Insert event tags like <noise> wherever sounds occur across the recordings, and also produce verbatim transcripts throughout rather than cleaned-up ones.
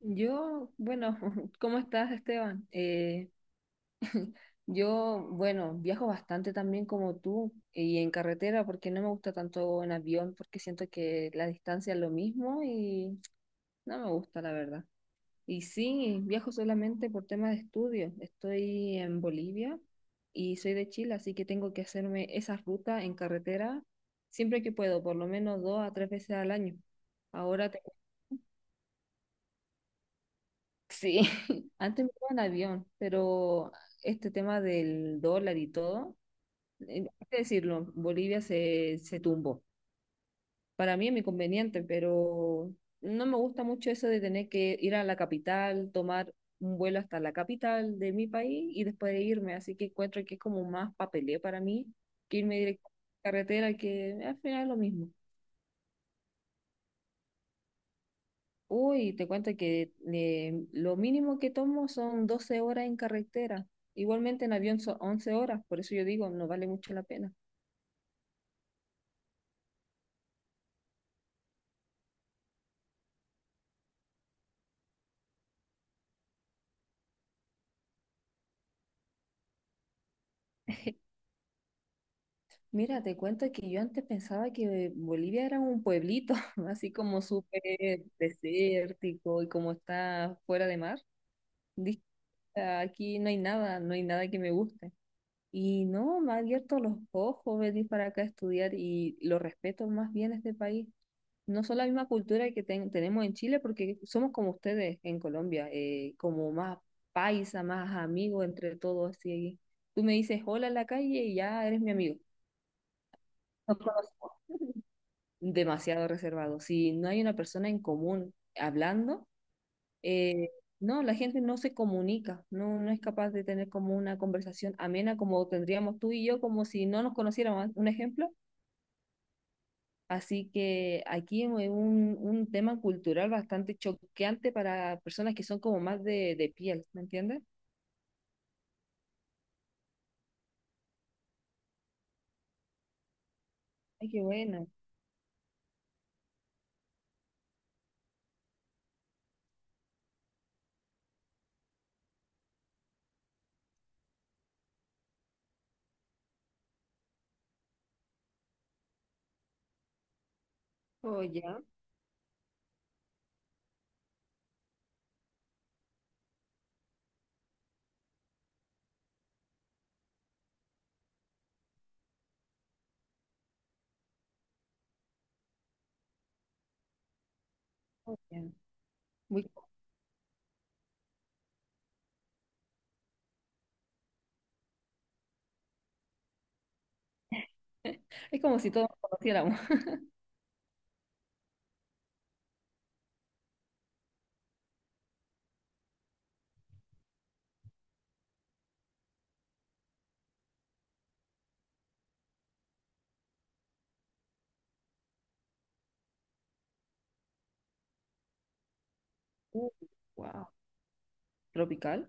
Yo, bueno, <laughs> ¿cómo estás, Esteban? Eh, yo, bueno, viajo bastante también como tú y en carretera porque no me gusta tanto en avión porque siento que la distancia es lo mismo y no me gusta, la verdad. Y sí, viajo solamente por temas de estudio. Estoy en Bolivia y soy de Chile, así que tengo que hacerme esa ruta en carretera siempre que puedo, por lo menos dos a tres veces al año. Ahora sí, <laughs> antes me iba en avión, pero este tema del dólar y todo, eh, hay que decirlo, Bolivia se, se tumbó. Para mí es mi conveniente, pero no me gusta mucho eso de tener que ir a la capital, tomar un vuelo hasta la capital de mi país y después de irme. Así que encuentro que es como más papeleo para mí que irme directo a la carretera, que al final es lo mismo. Uy, te cuento que eh, lo mínimo que tomo son doce horas en carretera. Igualmente en avión son once horas, por eso yo digo, no vale mucho la pena. <laughs> Mira, te cuento que yo antes pensaba que Bolivia era un pueblito, <laughs> así como súper desértico y como está fuera de mar. Dije, "Ah, aquí no hay nada, no hay nada que me guste." Y no, me ha abierto los ojos venir para acá a estudiar y lo respeto más bien este país. No son la misma cultura que ten- tenemos en Chile, porque somos como ustedes en Colombia, eh, como más paisa, más amigos entre todos, así. Tú me dices hola en la calle y ya eres mi amigo. Nos conocemos. Demasiado reservado. Si no hay una persona en común hablando, eh, no, la gente no se comunica, no, no es capaz de tener como una conversación amena como tendríamos tú y yo, como si no nos conociéramos. Un ejemplo. Así que aquí es un, un tema cultural bastante choqueante para personas que son como más de, de piel, ¿me entiendes? Ay, qué bueno. Oh, ya. Oh, ya. Muy- es como si todos nos conociéramos. <laughs> Uh, wow. Tropical.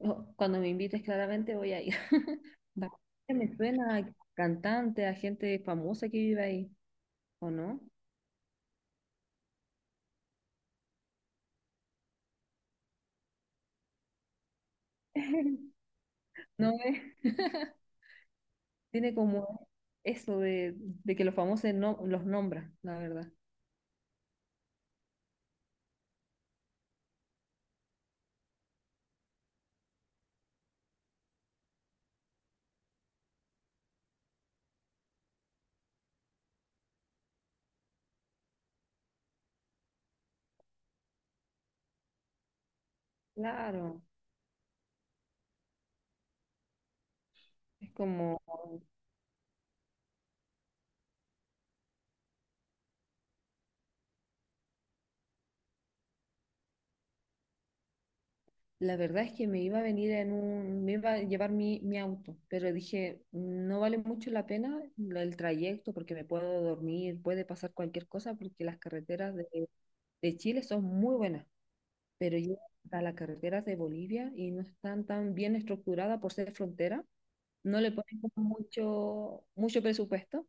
Oh, cuando me invites, claramente voy a ir. <laughs> Bastante me suena a cantante, a gente famosa que vive ahí, ¿o no? <laughs> No es, tiene como eso de, de que los famosos no, los nombran, la verdad. Claro, es como la verdad es que me iba a venir en un, me iba a llevar mi, mi auto, pero dije, no vale mucho la pena lo- el trayecto porque me puedo dormir, puede pasar cualquier cosa porque las carreteras de, de Chile son muy buenas, pero yo a las carreteras de Bolivia y no están tan bien estructuradas por ser frontera, no le ponen como mucho, mucho presupuesto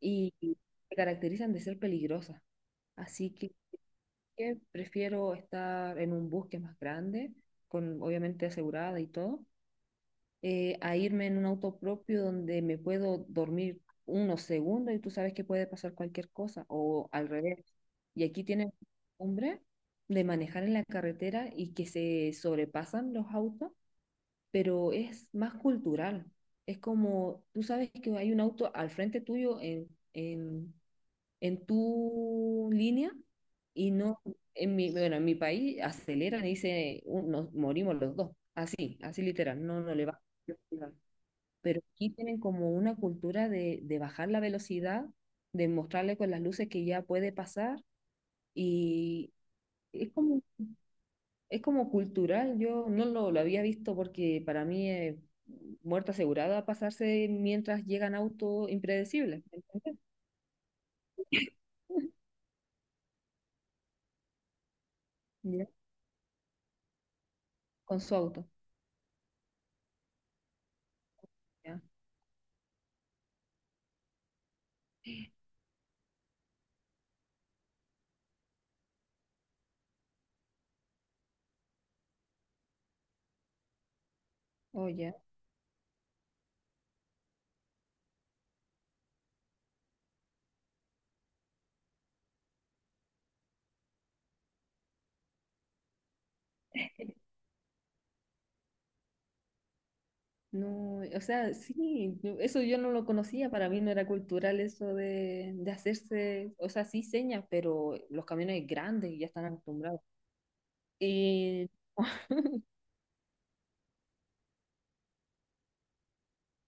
y se caracterizan de ser peligrosas. Así que eh, prefiero estar en un bus que es más grande, con obviamente asegurada y todo eh, a irme en un auto propio donde me puedo dormir unos segundos y tú sabes que puede pasar cualquier cosa o al revés. Y aquí tienen hombre de manejar en la carretera y que se sobrepasan los autos, pero es más cultural. Es como, tú sabes que hay un auto al frente tuyo en, en, en tu línea y no, en mi, bueno, en mi país aceleran y dice, "Uh, nos morimos los dos." Así, así literal, no, no le va pero aquí tienen como una cultura de, de bajar la velocidad, de mostrarle con las luces que ya puede pasar y es como, es como cultural, yo no lo, lo había visto porque para mí es muerte asegurada pasarse mientras llegan autos impredecibles, ¿entendés? <laughs> Ya, con su auto. Ya. Oh, ya. No, o sea, sí, yo- eso yo no lo conocía, para mí no era cultural eso de, de hacerse, o sea, sí señas, pero los camiones grandes ya están acostumbrados. Y <laughs>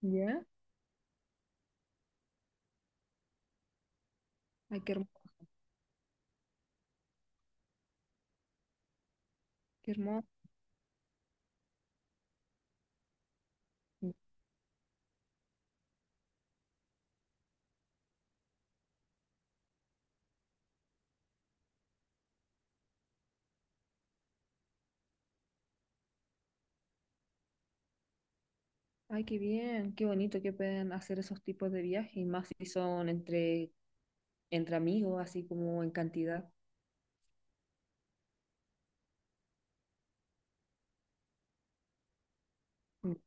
ya, ay, qué hermoso, qué hermoso. Ay, qué bien, qué bonito que puedan hacer esos tipos de viajes, y más si son entre, entre amigos, así como en cantidad. Mm.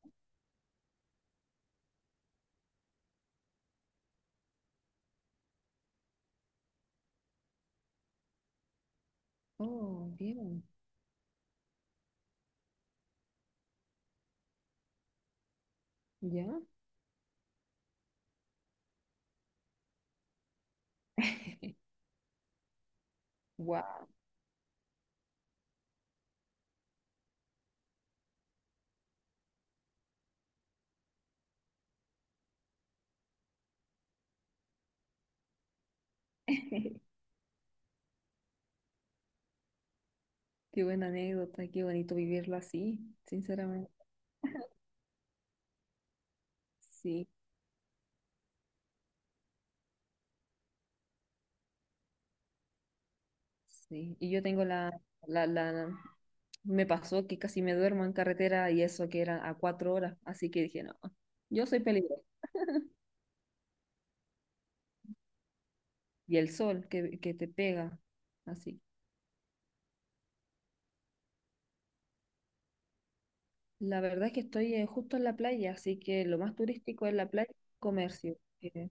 Oh, bien, ya. <laughs> Wow, <laughs> qué buena anécdota, qué bonito vivirlo así, sinceramente. Sí, sí. Y yo tengo la, la, la, me pasó que casi me duermo en carretera y eso que eran a cuatro horas, así que dije, no, yo soy peligroso. Y el sol que, que te pega. Así. La verdad es que estoy eh, justo en la playa, así que lo más turístico es la playa, comercio. eh,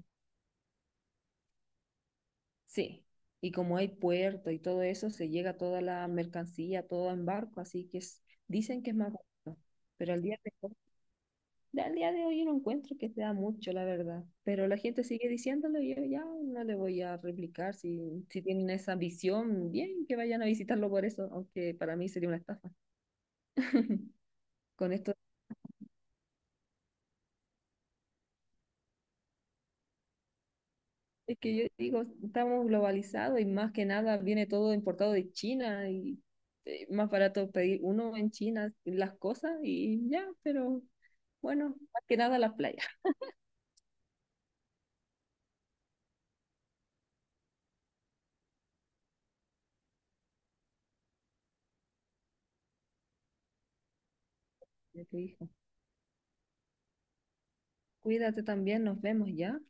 Sí. Y como hay puerto y todo eso, se llega toda la mercancía, todo en barco, así que es- dicen que es más barato. Pero al día de hoy, al día de hoy yo no encuentro que sea mucho, la verdad. Pero la gente sigue diciéndolo y yo ya no le voy a replicar. Si, si tienen esa visión, bien que vayan a visitarlo por eso, aunque para mí sería una estafa. <laughs> Con esto es que yo digo, estamos globalizados y más que nada viene todo importado de China y eh, más barato pedir uno en China las cosas y ya, pero bueno, más que nada las playas. Ya te dije. Cuídate también, nos vemos ya.